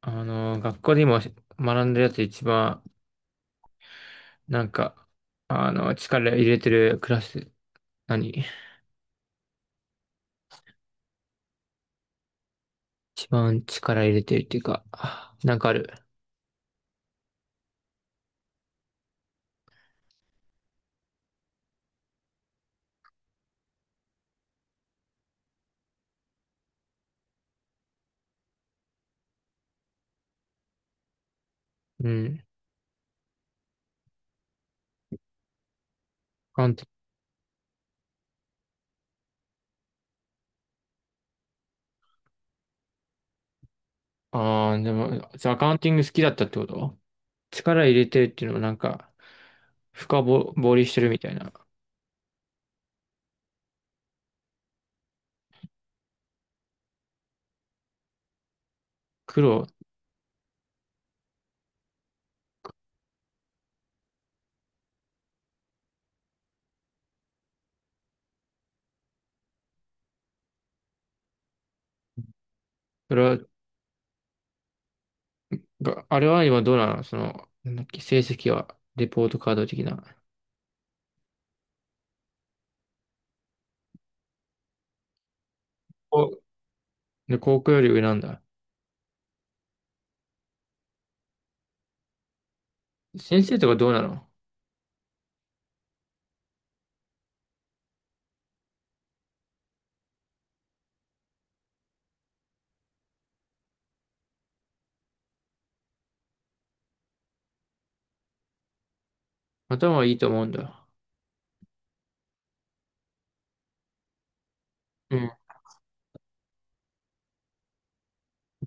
学校で今学んでるやつ一番、なんか、あの、力入れてるクラス、何一番力入れてるっていうか、なんかある？うん。アカウント。ああ、でも、じゃあアカウンティング好きだったってこと？力入れてるっていうのも深ぼ掘りしてるみたいな。苦労、それは、があれは今どうなの、その、なんだっけ、成績は。レポートカード的な。お、で、高校より上なんだ。先生とかどうなの？頭はいいと思うんだ。うん。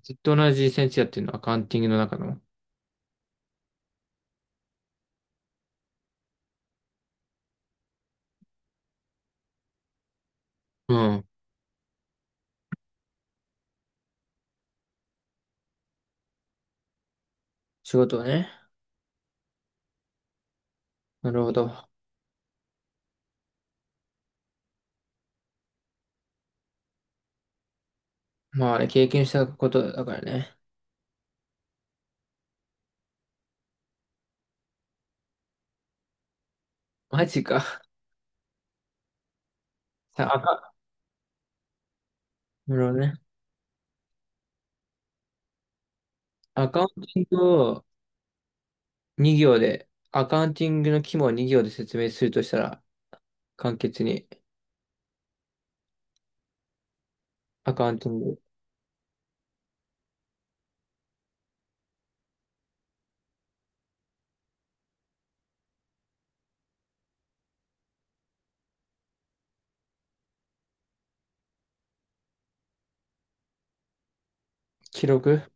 ずっと同じ先生やってるの、アカウンティングの中の？うん。仕事をね。なるほど。まあね、経験したことだからね。マジか。さあ、か、なるほどね。アカウンティングを2行で、アカウンティングの規模を2行で説明するとしたら、簡潔に。アカウンティング、記録。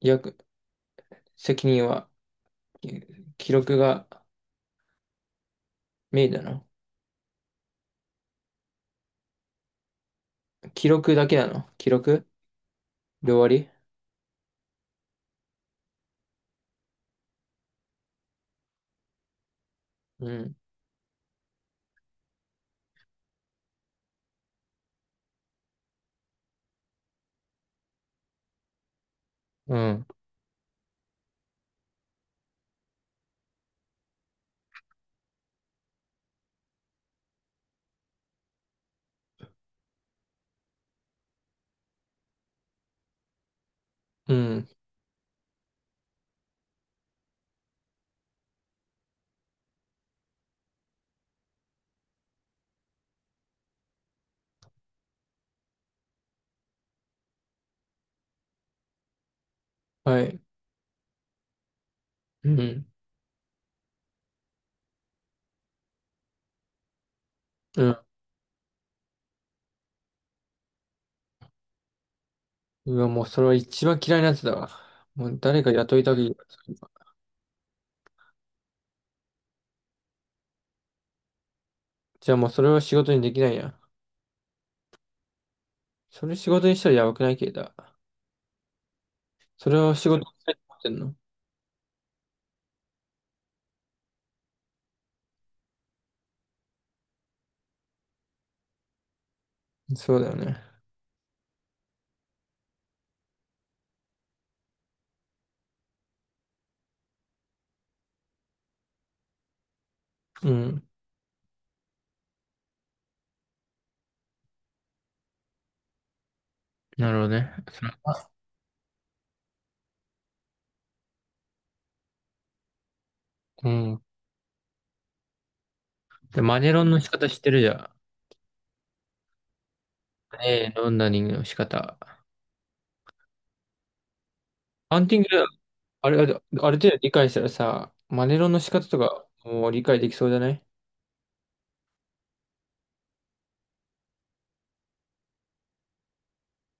約、責任は、記録がメインなの？記録だけなの、記録で終わり？うん。うん。うん。はい。うん。うん。うわ、もうそれは一番嫌いなやつだわ。もう誰か雇いたく。じゃあもうそれは仕事にできないや。それ仕事にしたらやばくないけど。それを仕事にしたいと思ってんの？そうだよね。うん。なるほどね。そう。ん。で、マネロンの仕方知ってるじゃん。ええ、ロンダリングの仕方。ハンティング、あれ、あれ、ある程度理解したらさ、マネロンの仕方とかもう理解できそうじゃない？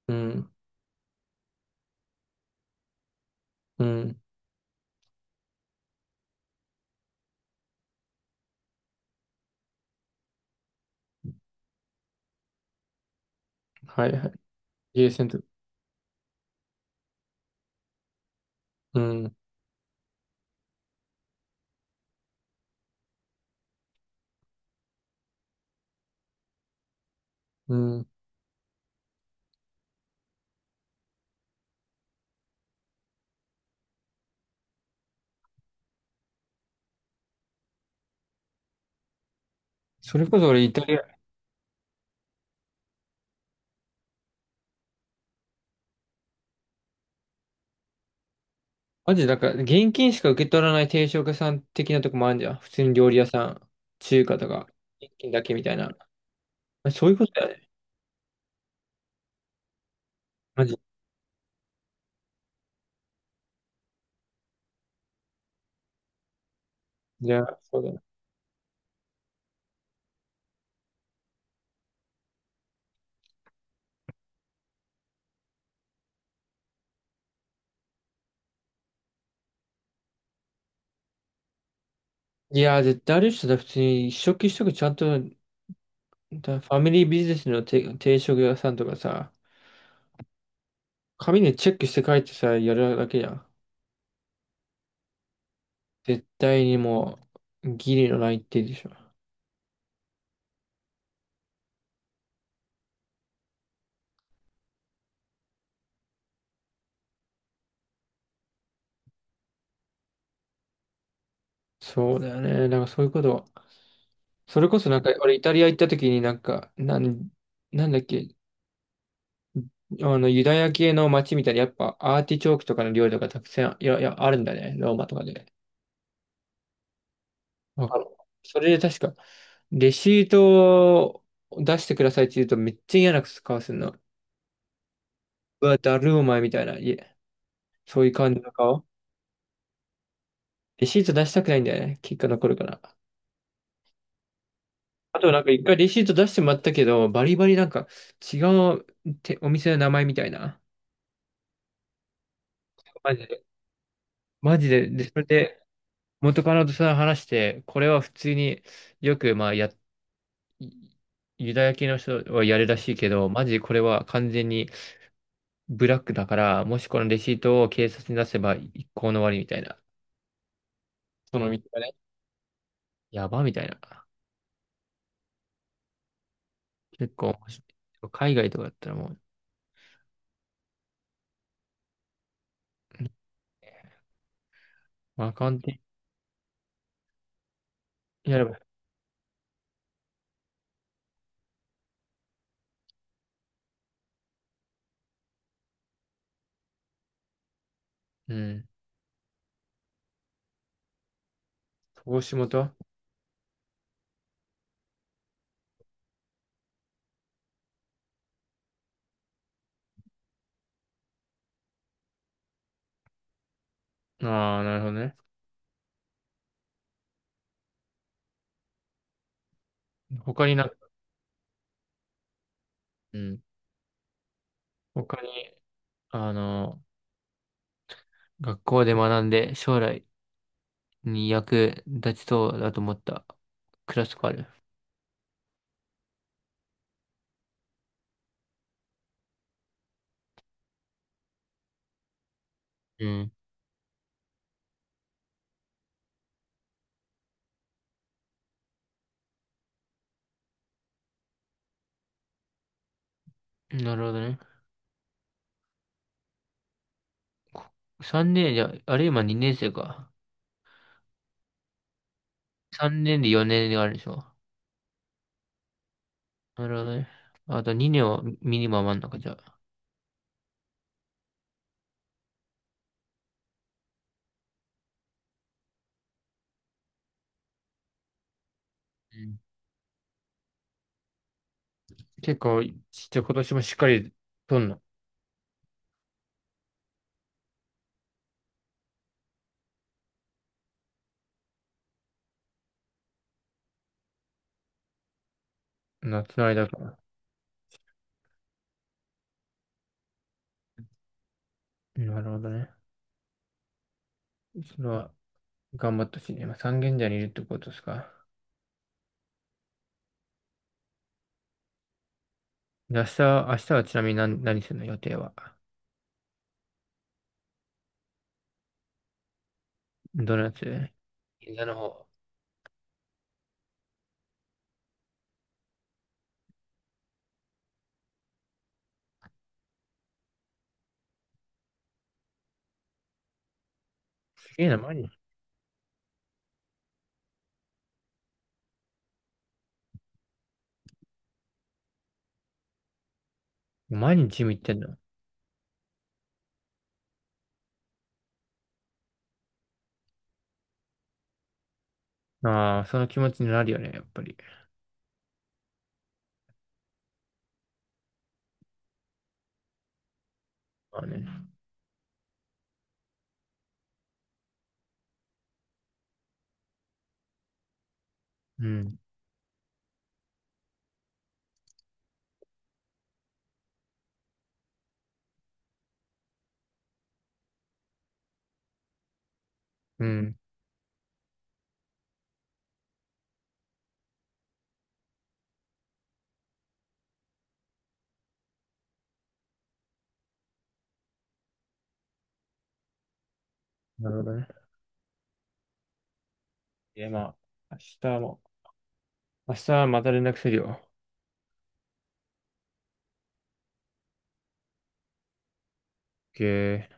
うん。うん。はいはい。ゲーセント。うん。うん。それこそ俺イタリア。マジで、だから、現金しか受け取らない定食屋さん的なとこもあるじゃん。普通に料理屋さん、中華とか、現金だけみたいな。まあそういうことだよね。マジ。いや、そうだな。いや、絶対ある人だ。普通に一食一食ちゃんと、だファミリービジネスの定食屋さんとかさ、紙でチェックして書いてさ、やるだけじゃん。絶対にもう、ギリのないってでしょ。そうだよね。なんかそういうこと。それこそなんか、俺イタリア行った時になんか、なん、なんだっけ、あの、ユダヤ系の街みたいに、やっぱアーティチョークとかの料理とかたくさん、あるんだね、ローマとかで。わかる。それで確か、レシートを出してくださいって言うとめっちゃ嫌な顔するの。うわ、だるお前みたいな、そういう感じの顔。レシート出したくないんだよね。結果残るから。あとなんか一回レシート出してもらったけど、バリバリなんか違うてお店の名前みたいな。マジで。マジで。で、それで元カノとさ、話して、これは普通によくまあやいユダヤ系の人はやるらしいけど、マジこれは完全にブラックだから、もしこのレシートを警察に出せば一行の終わりみたいな。その道がね、やばみたいな。結構面白い、海外とかだったらもう。うん。まあ、カウンテやれば。うん。投資元。ああー、なるほどね。他になんか。うん。他に、あの、学校で学んで将来に役立ちそうだと思ったクラスとかある？うん。なるほどね。3年じゃ、あれ今2年生か。3年で4年があるでしょ。なるほどね。あと2年はミニマムあんのか、じゃあ。うん。結構、ちっちゃい今年もしっかりとんの？夏の間から。なるほどね。それは、頑張ってほしいね。今、三軒茶屋にいるってことですか？で明日、明日はちなみに何、何するの、予定は？どのやつ？銀座の方？すげえな、毎日。毎日ジム行ってんの？ああ、その気持ちになるよね、やっぱり。まあね。うん。うん。なるほどね。え、まあ、明日も、明日はまた連絡するよ。OK。